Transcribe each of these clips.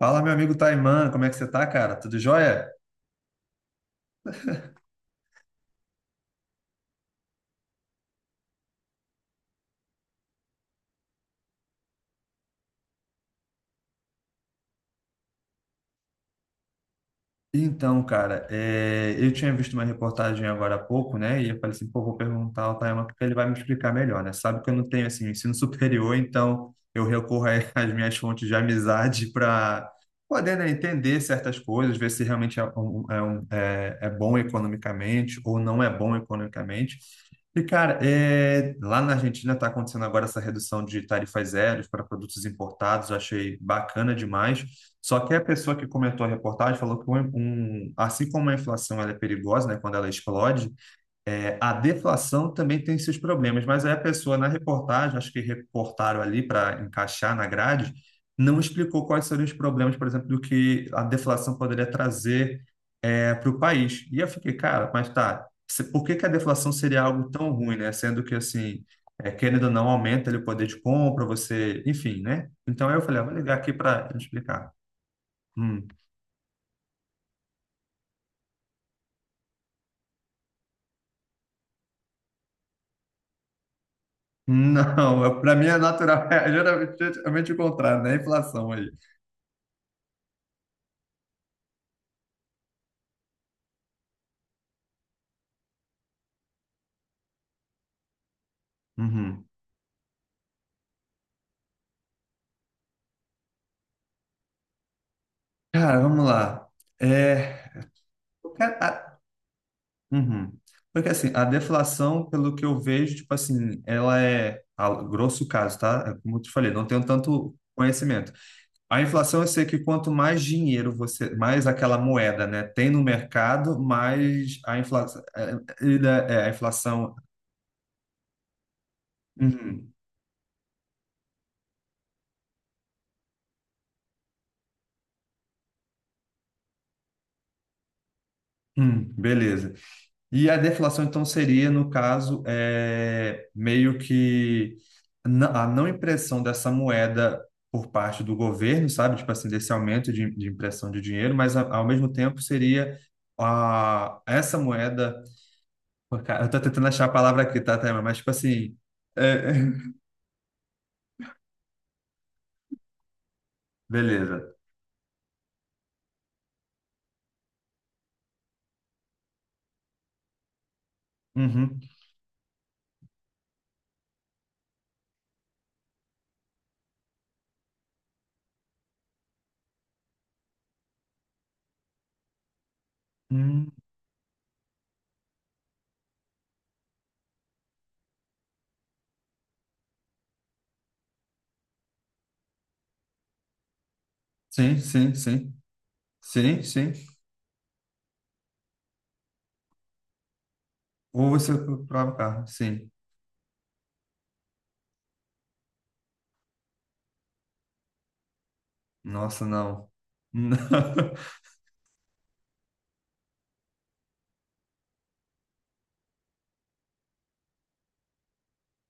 Fala, meu amigo Taiman, como é que você tá, cara? Tudo jóia? Então, cara, eu tinha visto uma reportagem agora há pouco, né? E eu falei assim, pô, vou perguntar ao Tayama porque ele vai me explicar melhor, né? Sabe que eu não tenho, assim, ensino superior, então eu recorro às minhas fontes de amizade para poder, né, entender certas coisas, ver se realmente é bom economicamente ou não é bom economicamente. E, cara, lá na Argentina está acontecendo agora essa redução de tarifas zero para produtos importados, eu achei bacana demais. Só que a pessoa que comentou a reportagem falou que, assim como a inflação ela é perigosa, né, quando ela explode, a deflação também tem seus problemas. Mas aí a pessoa na reportagem, acho que reportaram ali para encaixar na grade, não explicou quais seriam os problemas, por exemplo, do que a deflação poderia trazer para o país. E eu fiquei, cara, mas tá, por que que a deflação seria algo tão ruim, né? Sendo que, assim, querendo ou não, aumenta ali o poder de compra, você, enfim, né? Então aí eu falei, ah, vou ligar aqui para explicar. Hum. Não, para mim é natural, é geralmente, geralmente o contrário, né? A inflação aí. Uhum. Cara, vamos lá. É, eu quero- a- uhum. Porque assim, a deflação, pelo que eu vejo, tipo assim, ela é, a grosso caso, tá? É como eu te falei, não tenho tanto conhecimento. A inflação, eu sei que quanto mais dinheiro você, mais aquela moeda, né, tem no mercado, mais a inflação, a inflação. Uhum. Beleza. E a deflação, então, seria, no caso, meio que a não impressão dessa moeda por parte do governo, sabe? Tipo assim, desse aumento de impressão de dinheiro, mas ao mesmo tempo seria essa moeda. Pô, cara, eu tô tentando achar a palavra aqui, tá, Thelma? Mas, tipo assim. é, Beleza. Uhum. Hum. Sim, sim, sim. Sim, sim. Ou você prova o carro. Sim. Nossa, não. Não.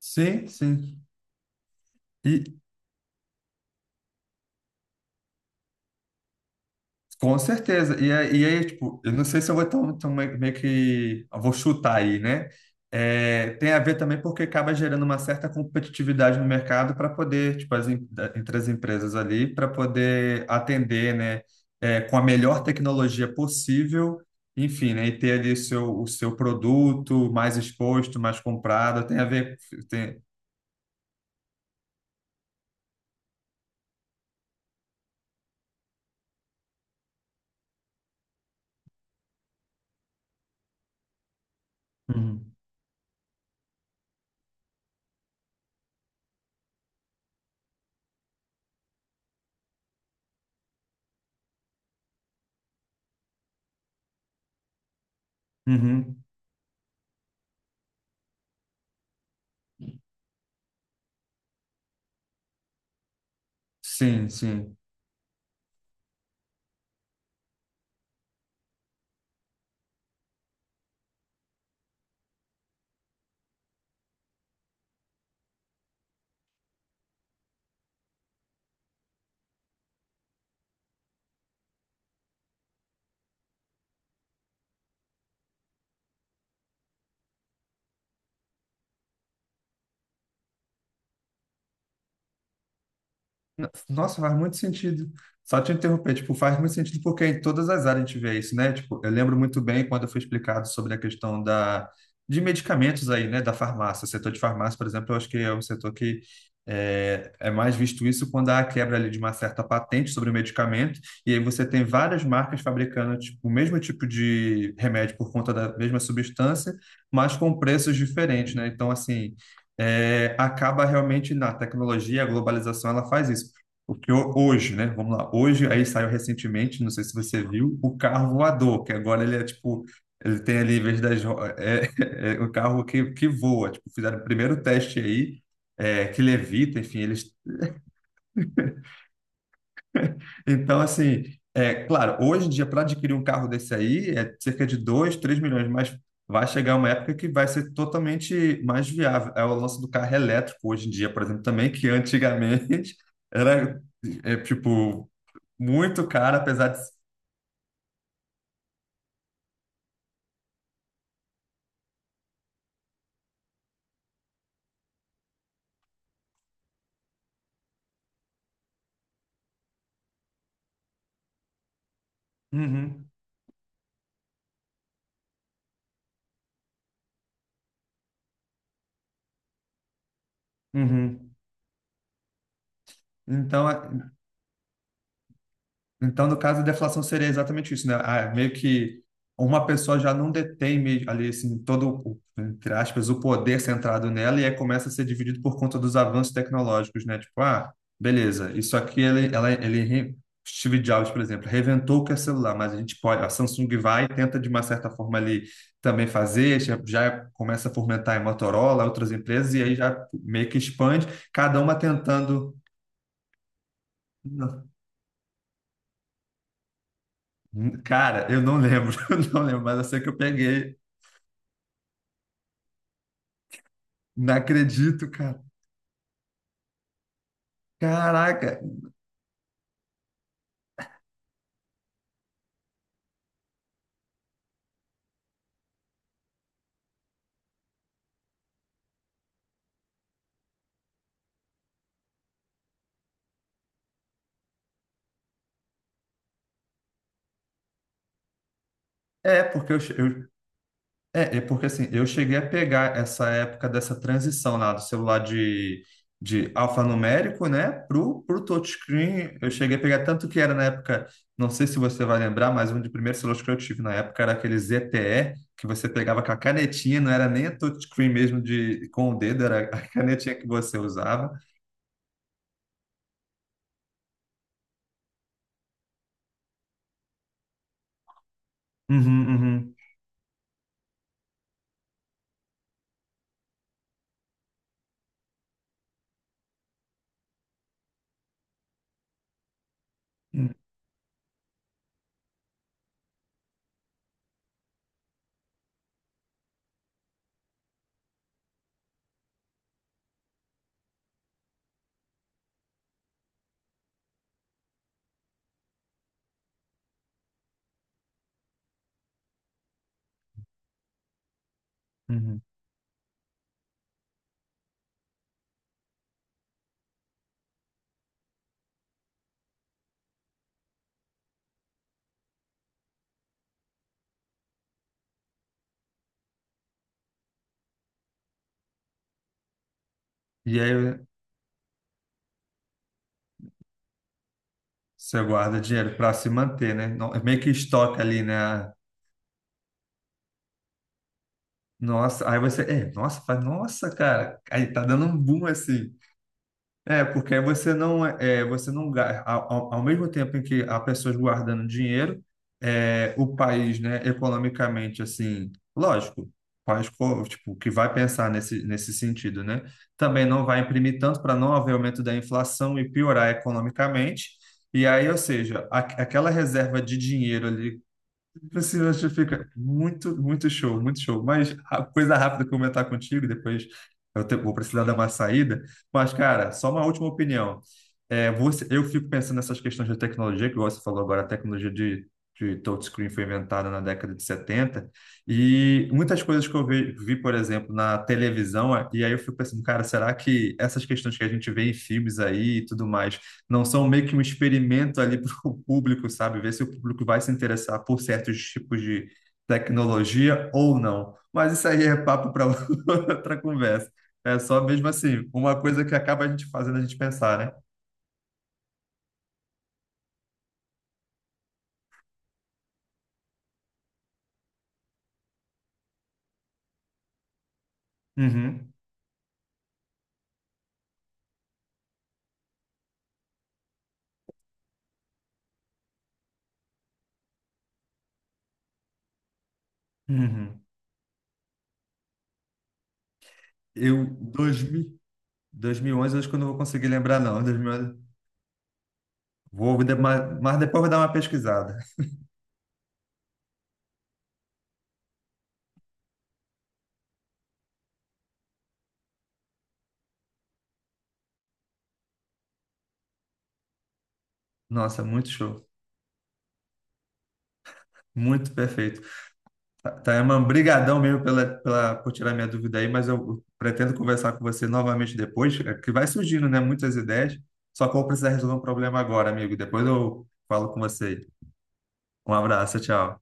Sim, sim. E, Com certeza. E aí, tipo, eu não sei se eu vou tão, tão meio que, eu vou chutar aí, né? Tem a ver também porque acaba gerando uma certa competitividade no mercado para poder, tipo, entre as empresas ali, para poder atender, né? Com a melhor tecnologia possível, enfim, né? E ter ali o seu produto mais exposto, mais comprado. Tem a ver. Tem. Uhum. Uhum. Sim, sim. Nossa, faz muito sentido. Só te interromper, tipo, faz muito sentido porque em todas as áreas a gente vê isso, né? Tipo, eu lembro muito bem quando foi explicado sobre a questão de medicamentos aí, né? Da farmácia, o setor de farmácia, por exemplo, eu acho que é um setor que é mais visto isso quando há a quebra ali de uma certa patente sobre o medicamento e aí você tem várias marcas fabricando, tipo, o mesmo tipo de remédio por conta da mesma substância, mas com preços diferentes, né? Então, assim... acaba realmente na tecnologia, a globalização, ela faz isso porque hoje, né? Vamos lá. Hoje, aí saiu recentemente, não sei se você viu, o carro voador, que agora ele é tipo. Ele tem ali, em vez das, é um carro que voa. Tipo, fizeram o primeiro teste aí, que levita, enfim, eles. Então, assim, é claro, hoje em dia, para adquirir um carro desse aí, é cerca de 2 3 milhões, mas vai chegar uma época que vai ser totalmente mais viável. É o lance do carro elétrico hoje em dia, por exemplo, também, que antigamente era, tipo, muito caro, apesar de. Uhum, uhum. Então, é- Então, no caso da deflação, seria exatamente isso, né? Ah, é meio que uma pessoa já não detém ali, assim, todo, entre aspas, o poder centrado nela e aí começa a ser dividido por conta dos avanços tecnológicos, né? Tipo, ah, beleza, isso aqui, ele, ela, ele, re- Steve Jobs, por exemplo, reventou o que é celular, mas a gente pode, a Samsung vai e tenta de uma certa forma ali também fazer, já, já começa a fomentar em Motorola, outras empresas, e aí já meio que expande, cada uma tentando. Cara, eu não lembro, eu não lembro, mas eu sei que eu peguei. Não acredito, cara. Caraca. É porque eu, che- eu- É porque assim, eu cheguei a pegar essa época dessa transição lá do celular de alfanumérico, né, pro touchscreen. Eu cheguei a pegar tanto que era na época, não sei se você vai lembrar, mas um dos primeiros celulares que eu tive na época era aquele ZTE que você pegava com a canetinha, não era nem a touchscreen mesmo de com o dedo, era a canetinha que você usava. Uhum, uhum. Uhum. E aí você guarda dinheiro para se manter, né? Meio que estoca ali, né? Nossa, aí você, nossa, faz, nossa, cara, aí tá dando um boom assim. Porque aí você não ao mesmo tempo em que há pessoas guardando dinheiro, o país, né, economicamente assim, lógico, o país tipo que vai pensar nesse sentido, né? Também não vai imprimir tanto para não haver aumento da inflação e piorar economicamente. E aí, ou seja, aquela reserva de dinheiro ali. Tipo assim, fica muito, muito show, muito show. Mas a coisa rápida que eu comentar contigo, depois vou precisar dar uma saída. Mas, cara, só uma última opinião. Eu fico pensando nessas questões de tecnologia, que você falou agora, a tecnologia de touchscreen foi inventada na década de 70 e muitas coisas que eu vi, por exemplo, na televisão, e aí eu fico pensando, cara, será que essas questões que a gente vê em filmes aí e tudo mais não são meio que um experimento ali para o público, sabe? Ver se o público vai se interessar por certos tipos de tecnologia ou não. Mas isso aí é papo para outra conversa. É só mesmo assim, uma coisa que acaba a gente fazendo a gente pensar, né? Uhum, uhum. Eu, 2000, 2011, acho que eu não vou conseguir lembrar, não. 2011, vou, mas depois eu vou dar uma pesquisada. Nossa, muito show. Muito perfeito. Tayaman, brigadão mesmo por tirar minha dúvida aí, mas eu pretendo conversar com você novamente depois, é que vai surgindo, né, muitas ideias, só que eu vou precisar resolver um problema agora, amigo. Depois eu falo com você. Um abraço, tchau.